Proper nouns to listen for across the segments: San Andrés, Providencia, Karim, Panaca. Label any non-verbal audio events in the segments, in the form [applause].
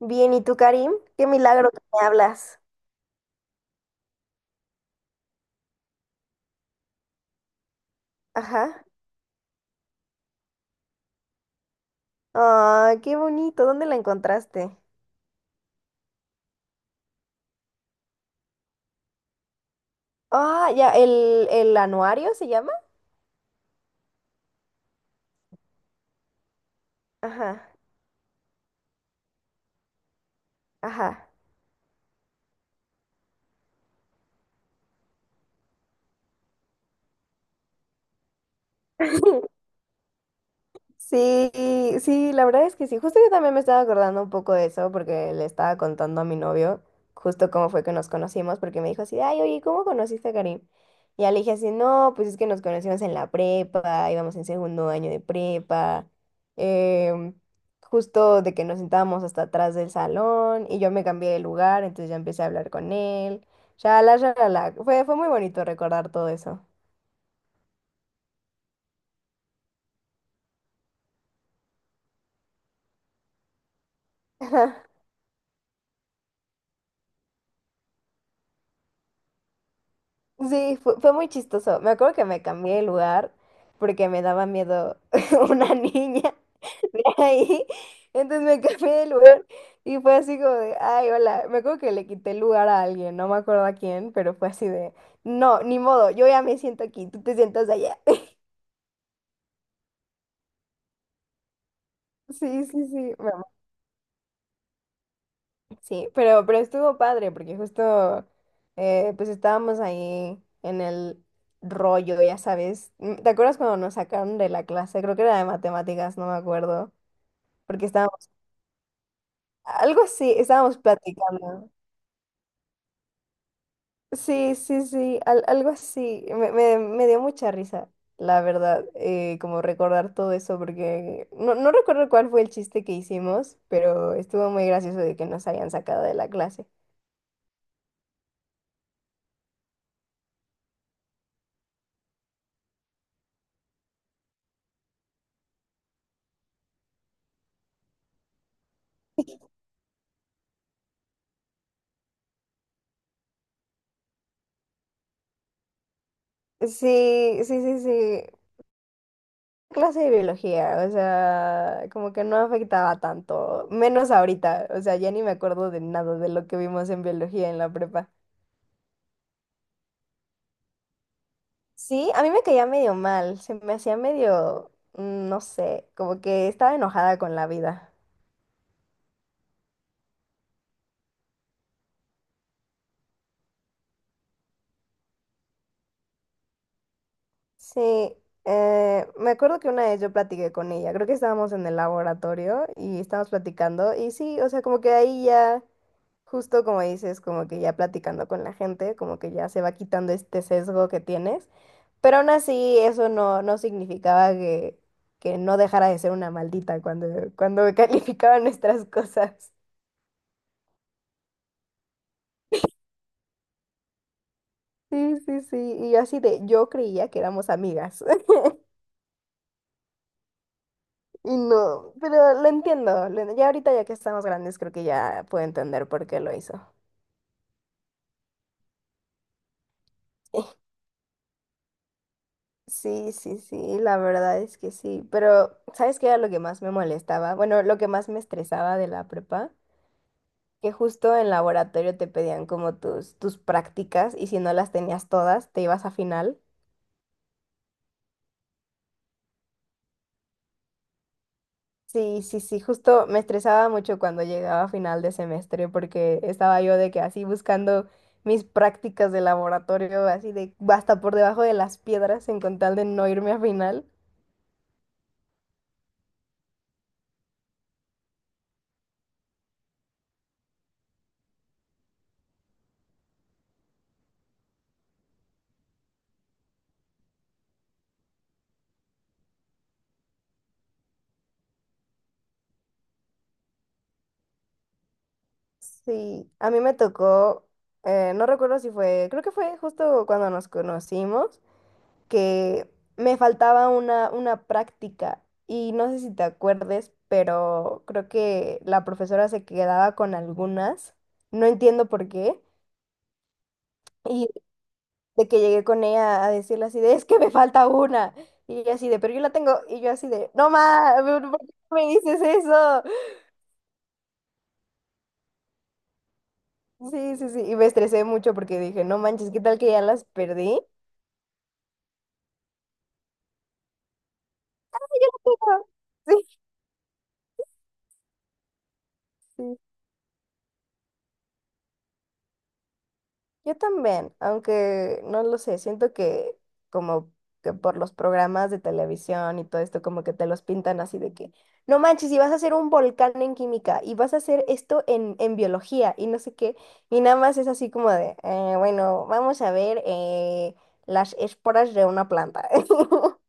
Bien, ¿y tú, Karim? Qué milagro que me hablas. Ajá. Ay, qué bonito. ¿Dónde la encontraste? Ah, ya, el anuario se llama. Ajá, ajá. [laughs] Sí, sí, la verdad es que sí. Justo yo también me estaba acordando un poco de eso porque le estaba contando a mi novio justo cómo fue que nos conocimos porque me dijo así, ay, oye, ¿cómo conociste a Karim? Y ya le dije así, no, pues es que nos conocimos en la prepa, íbamos en segundo año de prepa, em, justo de que nos sentábamos hasta atrás del salón y yo me cambié de lugar, entonces ya empecé a hablar con él. Fue muy bonito recordar todo eso. [laughs] Sí, fue muy chistoso. Me acuerdo que me cambié de lugar porque me daba miedo [laughs] una niña de ahí. Entonces me [laughs] cambié de lugar y fue así como de, ay, hola. Me acuerdo que le quité el lugar a alguien, no me acuerdo a quién, pero fue así de, no, ni modo, yo ya me siento aquí, tú te sientas allá. [laughs] Sí, sí, sí. Sí, pero estuvo padre porque justo pues estábamos ahí en el rollo, ya sabes. ¿Te acuerdas cuando nos sacaron de la clase? Creo que era de matemáticas, no me acuerdo. Porque estábamos, algo así, estábamos platicando. Sí, sí, sí, algo así. Me dio mucha risa, la verdad, como recordar todo eso porque no, no recuerdo cuál fue el chiste que hicimos, pero estuvo muy gracioso de que nos hayan sacado de la clase. Sí, sí, sí, sí. Clase de biología, o sea, como que no afectaba tanto, menos ahorita, o sea, ya ni me acuerdo de nada de lo que vimos en biología en la prepa. Sí, a mí me caía medio mal, se me hacía medio, no sé, como que estaba enojada con la vida. Sí, me acuerdo que una vez yo platiqué con ella, creo que estábamos en el laboratorio y estábamos platicando y sí, o sea, como que ahí ya... Justo como dices, como que ya platicando con la gente, como que ya se va quitando este sesgo que tienes, pero aún así eso no, no significaba que, no dejara de ser una maldita cuando [laughs] calificaban nuestras cosas. Sí, sí, sí, y yo así de, yo creía que éramos amigas, [laughs] y no, pero lo entiendo, ya ahorita ya que estamos grandes creo que ya puedo entender por qué lo hizo. Sí, sí, sí, la verdad es que sí, pero ¿sabes qué era lo que más me molestaba? Bueno, lo que más me estresaba de la prepa. Que justo en laboratorio te pedían como tus prácticas y si no las tenías todas, te ibas a final. Sí, sí, sí, justo me estresaba mucho cuando llegaba a final de semestre porque estaba yo de que así buscando mis prácticas de laboratorio, así de hasta por debajo de las piedras en con tal de no irme a final. Sí, a mí me tocó, no recuerdo si fue, creo que fue justo cuando nos conocimos. Que me faltaba una práctica y no sé si te acuerdes, pero creo que la profesora se quedaba con algunas, no entiendo por qué, y de que llegué con ella a decirle así de, es que me falta una, y ella así de, pero yo la tengo, y yo así de, no más, ¿por qué me dices eso? Sí, sí, sí, y me estresé mucho porque dije, no manches, ¿qué tal que ya las perdí? [laughs] Sí, sí. Yo también, aunque no lo sé, siento que como que por los programas de televisión y todo esto, como que te los pintan así de que, no manches, y vas a hacer un volcán en química, y vas a hacer esto en biología, y no sé qué, y nada más es así como de, bueno, vamos a ver las esporas de una planta. [laughs]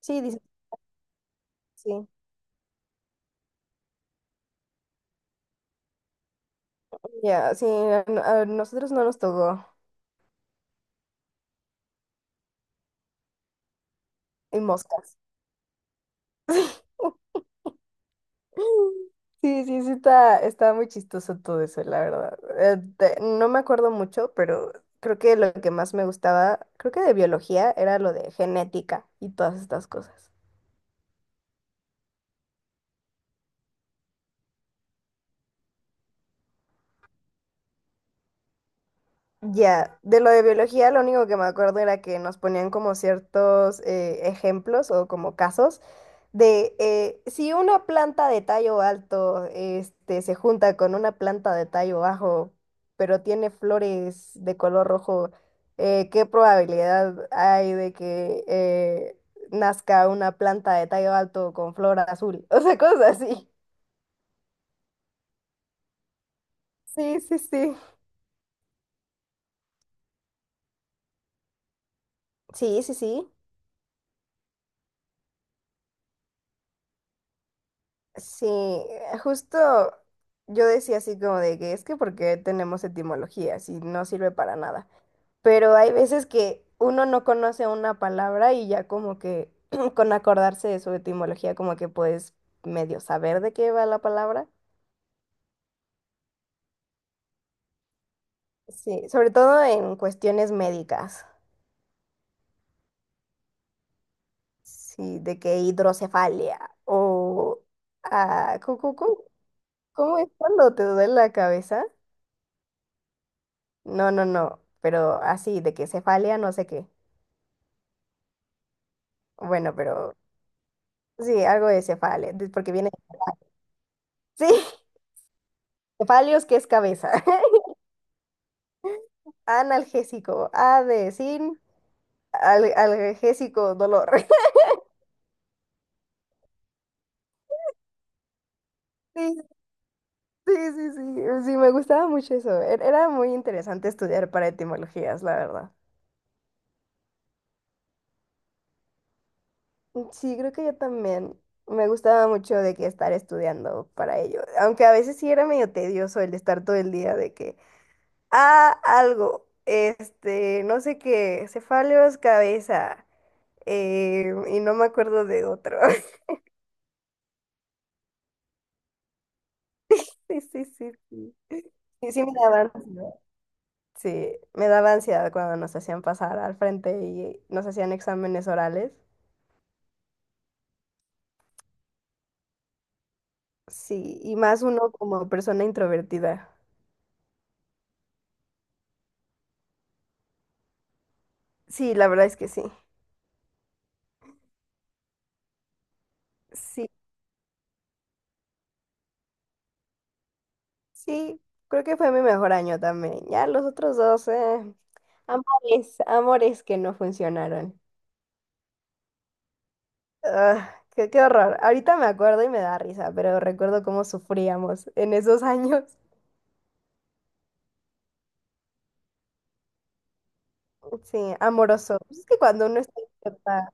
Sí, dice, sí, ya, sí, a nosotros no nos tocó, y moscas. Sí, sí, sí, está muy chistoso todo eso, la verdad. No me acuerdo mucho, pero creo que lo que más me gustaba, creo que de biología, era lo de genética y todas estas cosas. Ya, de lo de biología, lo único que me acuerdo era que nos ponían como ciertos ejemplos o como casos de si una planta de tallo alto este, se junta con una planta de tallo bajo, pero tiene flores de color rojo, ¿qué probabilidad hay de que nazca una planta de tallo alto con flor azul? [laughs] O sea, cosas así. Sí, sí, sí. Sí, sí, sí. Sí, justo yo decía así como de que es que porque tenemos etimología, si no sirve para nada. Pero hay veces que uno no conoce una palabra y ya como que [clears throat] con acordarse de su etimología como que puedes medio saber de qué va la palabra. Sí, sobre todo en cuestiones médicas, sí, de que hidrocefalia o ah, cu- cu- cu- ¿cómo es cuando te duele la cabeza? No, no, no, pero así, de que cefalia no sé qué. Bueno, pero sí, algo de cefale, porque viene, sí, [laughs] cefalios, que es cabeza. [laughs] Analgésico, A de sin, analgésico, dolor. [laughs] Sí, sí, sí, sí, sí, me gustaba mucho eso. Era muy interesante estudiar para etimologías, la verdad. Sí, creo que yo también. Me gustaba mucho de que estar estudiando para ello. Aunque a veces sí era medio tedioso el estar todo el día de que, algo, este, no sé qué, cefaleos, cabeza. Y no me acuerdo de otro. [laughs] Sí, sí, sí, sí. Sí, sí me daba ansiedad. Sí, me daba ansiedad cuando nos hacían pasar al frente y nos hacían exámenes orales. Sí, y más uno como persona introvertida. Sí, la verdad es que sí. Sí, sí, creo que fue mi mejor año también. Ya los otros dos, amores, amores que no funcionaron. Ah, qué, qué horror. Ahorita me acuerdo y me da risa, pero recuerdo cómo sufríamos en esos [laughs] años. Sí, amoroso. Pues es que cuando uno está en prepa,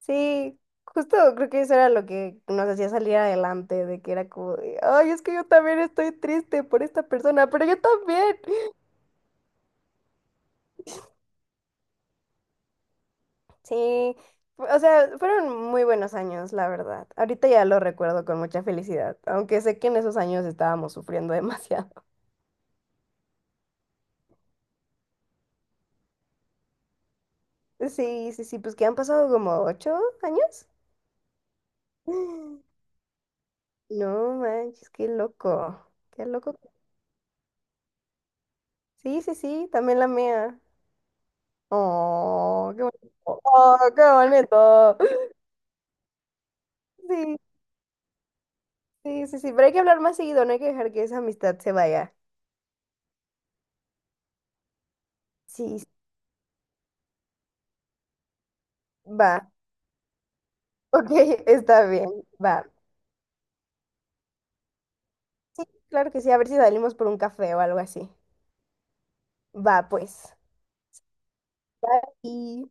sí, justo creo que eso era lo que nos hacía salir adelante, de que era como de, ay, es que yo también estoy triste por esta persona, pero yo también. Sí, o sea, fueron muy buenos años, la verdad. Ahorita ya lo recuerdo con mucha felicidad, aunque sé que en esos años estábamos sufriendo demasiado. [laughs] Sí, sí, sí, pues que han pasado como 8 años. [gasps] No manches, qué loco, qué loco. Sí, sí, sí, también la mía. Oh, qué bonito. Oh, qué bonito. Sí, sí, sí, sí. Pero hay que hablar más seguido, no hay que dejar que esa amistad se vaya. Sí, sí, va. Ok, [laughs] está bien. Va. Sí, claro que sí. A ver si salimos por un café o algo así. Va, pues. Bye.